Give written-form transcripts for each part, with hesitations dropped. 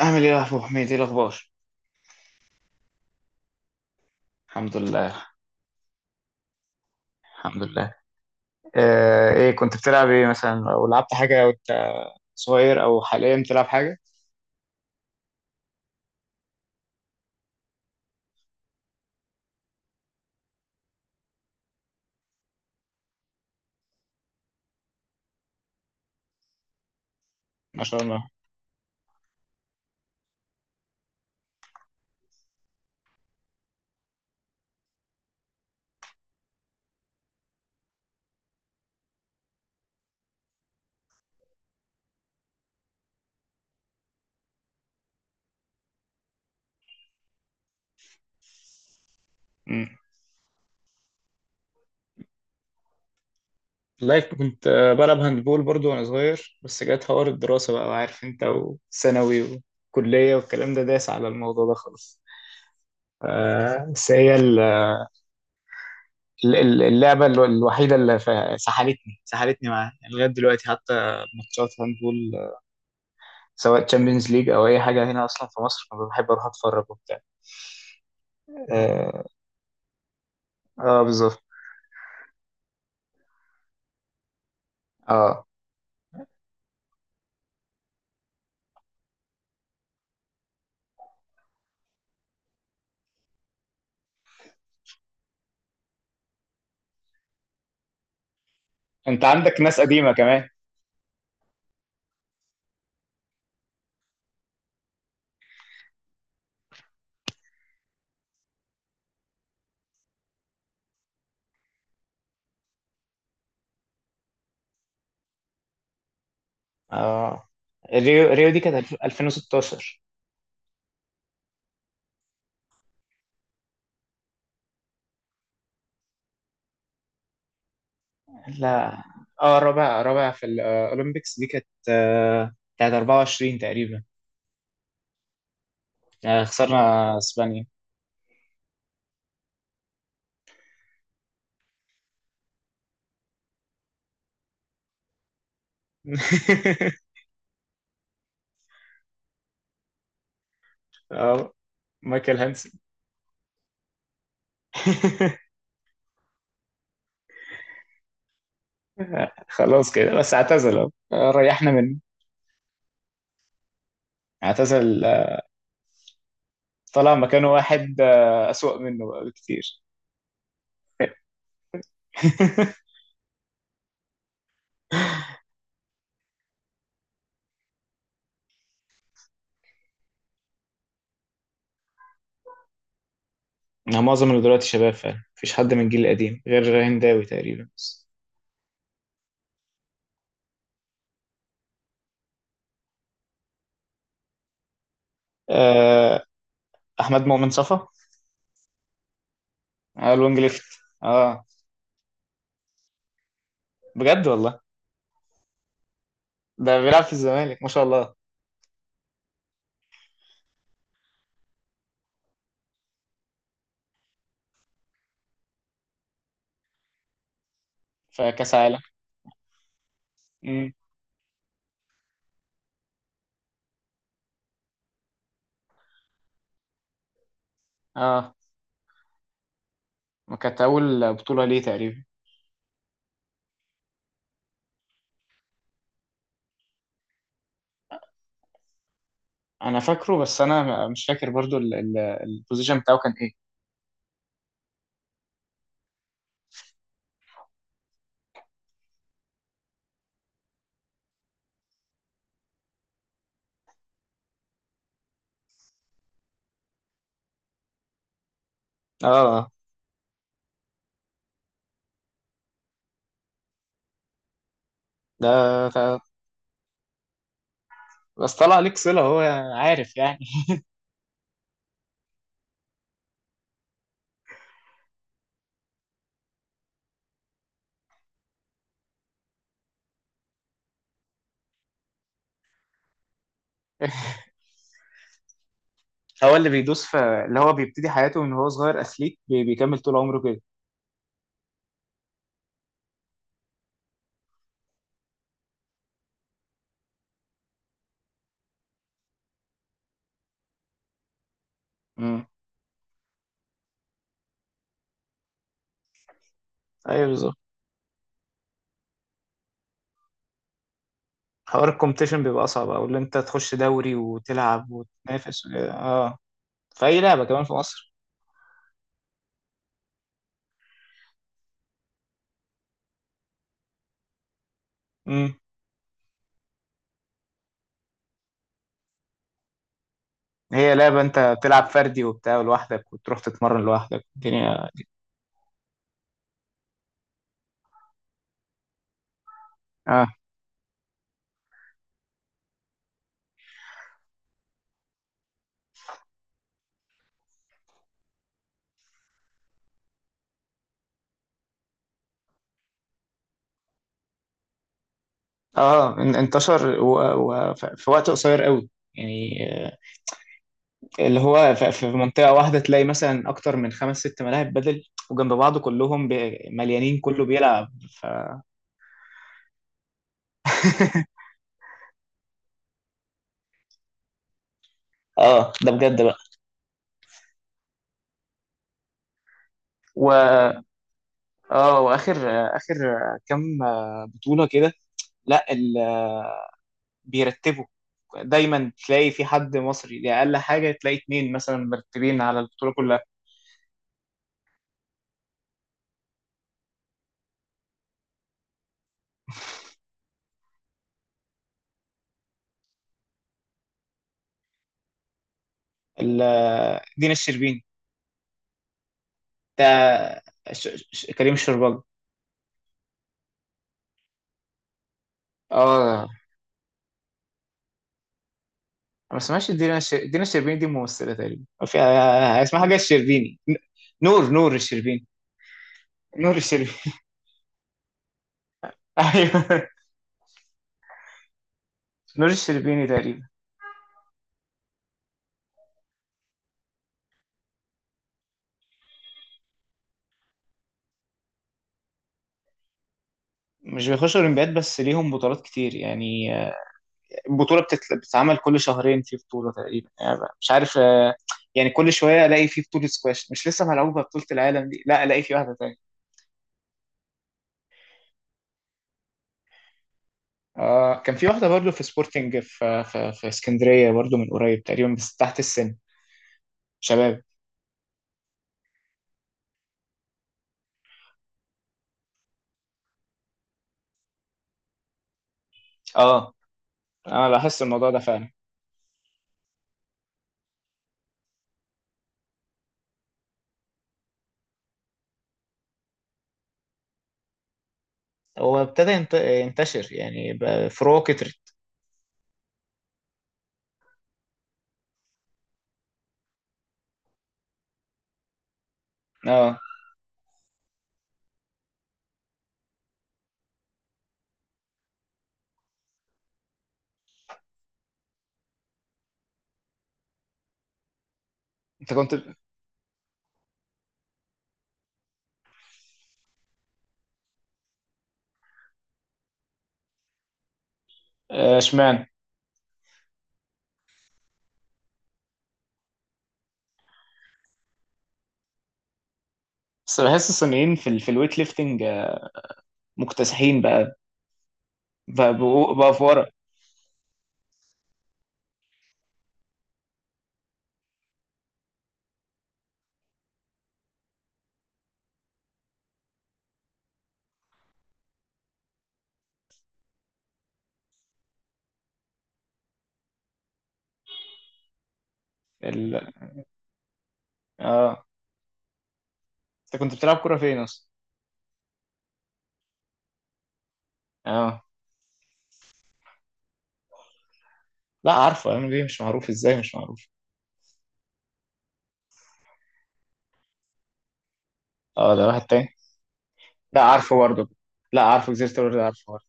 أعمل إيه يا أبو حميد؟ إيه الأخبار؟ الحمد لله. الحمد لله. إيه كنت بتلعب إيه مثلا أو لعبت حاجة وأنت صغير أو حاليا بتلعب حاجة؟ ما شاء الله. مم. لايك كنت آه، بلعب هاندبول برضو وأنا صغير، بس جت حوار الدراسة بقى، وعارف أنت وثانوي وكلية والكلام ده داس على الموضوع ده خالص. بس هي اللعبة الوحيدة اللي سحلتني معاها يعني لغاية دلوقتي. حتى ماتشات هاندبول، سواء تشامبيونز ليج او اي حاجه هنا اصلا في مصر بحب اروح اتفرج وبتاع. اه، اه بالظبط. آه. انت عندك ناس قديمه كمان. اه، ريو دي كانت 2016. لا، اه، رابع في الاولمبيكس دي كانت، بتاعت 24 تقريبا. خسرنا اسبانيا. اه مايكل هانسن. خلاص كده بس اعتزل اهو، ريحنا منه. اعتزل، طلع مكانه واحد اسوأ منه بقى بكتير. أنا معظم اللي دلوقتي شباب فعلا، مفيش حد من الجيل القديم غير هنداوي تقريبا بس. آه، أحمد مؤمن صفا. الوينج ليفت. اه بجد والله، ده بيلعب في الزمالك ما شاء الله. في كأس عالم. مم. اه، ما كانت أول بطولة ليه تقريبا. أنا فاكره، بس أنا مش فاكر برضو البوزيشن بتاعه كان إيه. اه ده ده- بس طلع ليك صلة، هو عارف يعني. هو اللي بيدوس في، اللي هو بيبتدي حياته من هو صغير أثليت، بيكمل طول عمره كده. امم، ايوه بالظبط. حوار الكومبيتيشن بيبقى أصعب، أو اللي أنت تخش دوري وتلعب وتنافس اه، في أي لعبة كمان في مصر. امم. هي لعبة أنت بتلعب فردي وبتاع لوحدك، وتروح تتمرن لوحدك الدنيا. اه، اه انتشر في وقت قصير قوي يعني، اللي هو في منطقة واحدة تلاقي مثلا أكتر من خمس ست ملاعب بدل، وجنب بعض كلهم مليانين، كله بيلعب ف... اه ده بجد بقى. و اه، اخر كام بطولة كده. لا بيرتبوا. دايما تلاقي في حد مصري، دي اقل حاجه تلاقي اتنين مثلا مرتبين على البطوله كلها. دينا الشربيني. ده كريم الشربال. اه انا ما اسمهاش دينا الشربيني، دي ممثله تقريبا. في، اسمها حاجه الشربيني، نور الشربيني. نور الشربيني. ايوه نور الشربيني تقريبا. مش بيخشوا اولمبياد، بس ليهم بطولات كتير يعني. بتتعمل كل شهرين في بطولة تقريبا يعني، مش عارف، يعني كل شوية ألاقي في بطولة سكواش. مش لسه ملعوبة بطولة العالم دي، لا ألاقي في واحدة تانية. آه كان في واحدة برضو في سبورتنج، في، في اسكندرية برضو من قريب تقريبا، بس تحت السن شباب. اه أنا لاحظت الموضوع ده فعلا. هو ابتدى ينتشر يعني، بقى فروعه كترت. اه انت كنت، اشمعنى. بس بحس الصينيين في الويت ليفتنج، مكتسحين بقى. بقى في ورا ال... اه. انت كنت بتلعب كرة فين اصلا؟ اه لا عارفه ام بي، مش معروف ازاي مش معروف. اه ده واحد تاني. لا عارفه برضه. لا عارفه، جزيرة القرد عارفه برضه.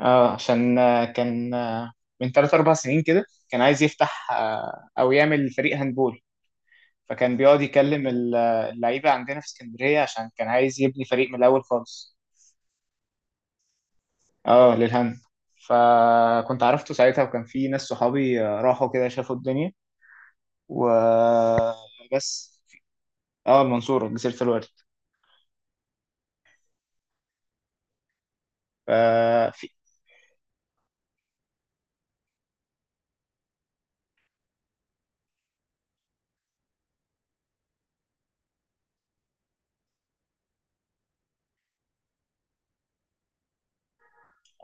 اه عشان، آه، كان آه، من ثلاث اربع سنين كده كان عايز يفتح، او يعمل فريق هاندبول. فكان بيقعد يكلم اللعيبه عندنا في اسكندريه، عشان كان عايز يبني فريق من الاول خالص. اه للهاند. فكنت عرفته ساعتها، وكان في ناس صحابي، راحوا كده شافوا الدنيا وبس. اه المنصورة جزيرة القرد.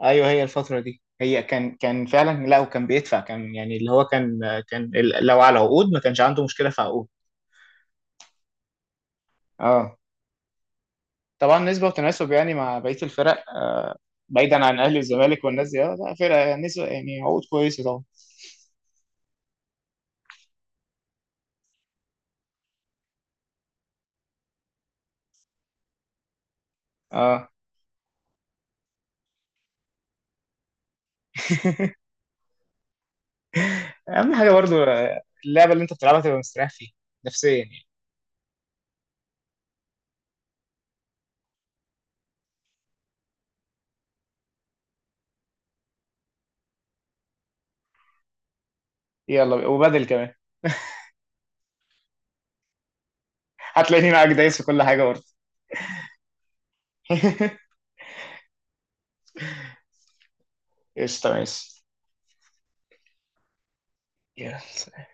ايوه هي الفتره دي، هي كان فعلا، لا وكان بيدفع، كان يعني اللي هو كان لو على عقود ما كانش عنده مشكله في عقود. اه طبعا نسبه وتناسب يعني مع بقيه الفرق، آه، بعيدا عن الاهلي والزمالك والناس دي. لا فرق نسبه يعني، عقود كويسه طبعا. اه اهم حاجه برضو، اللعبه اللي انت بتلعبها تبقى مستريح فيها نفسيا يعني. يلا بقى، وبدل كمان. هتلاقيني معاك دايس في كل حاجه برضه. قشطه ماشي. يلا.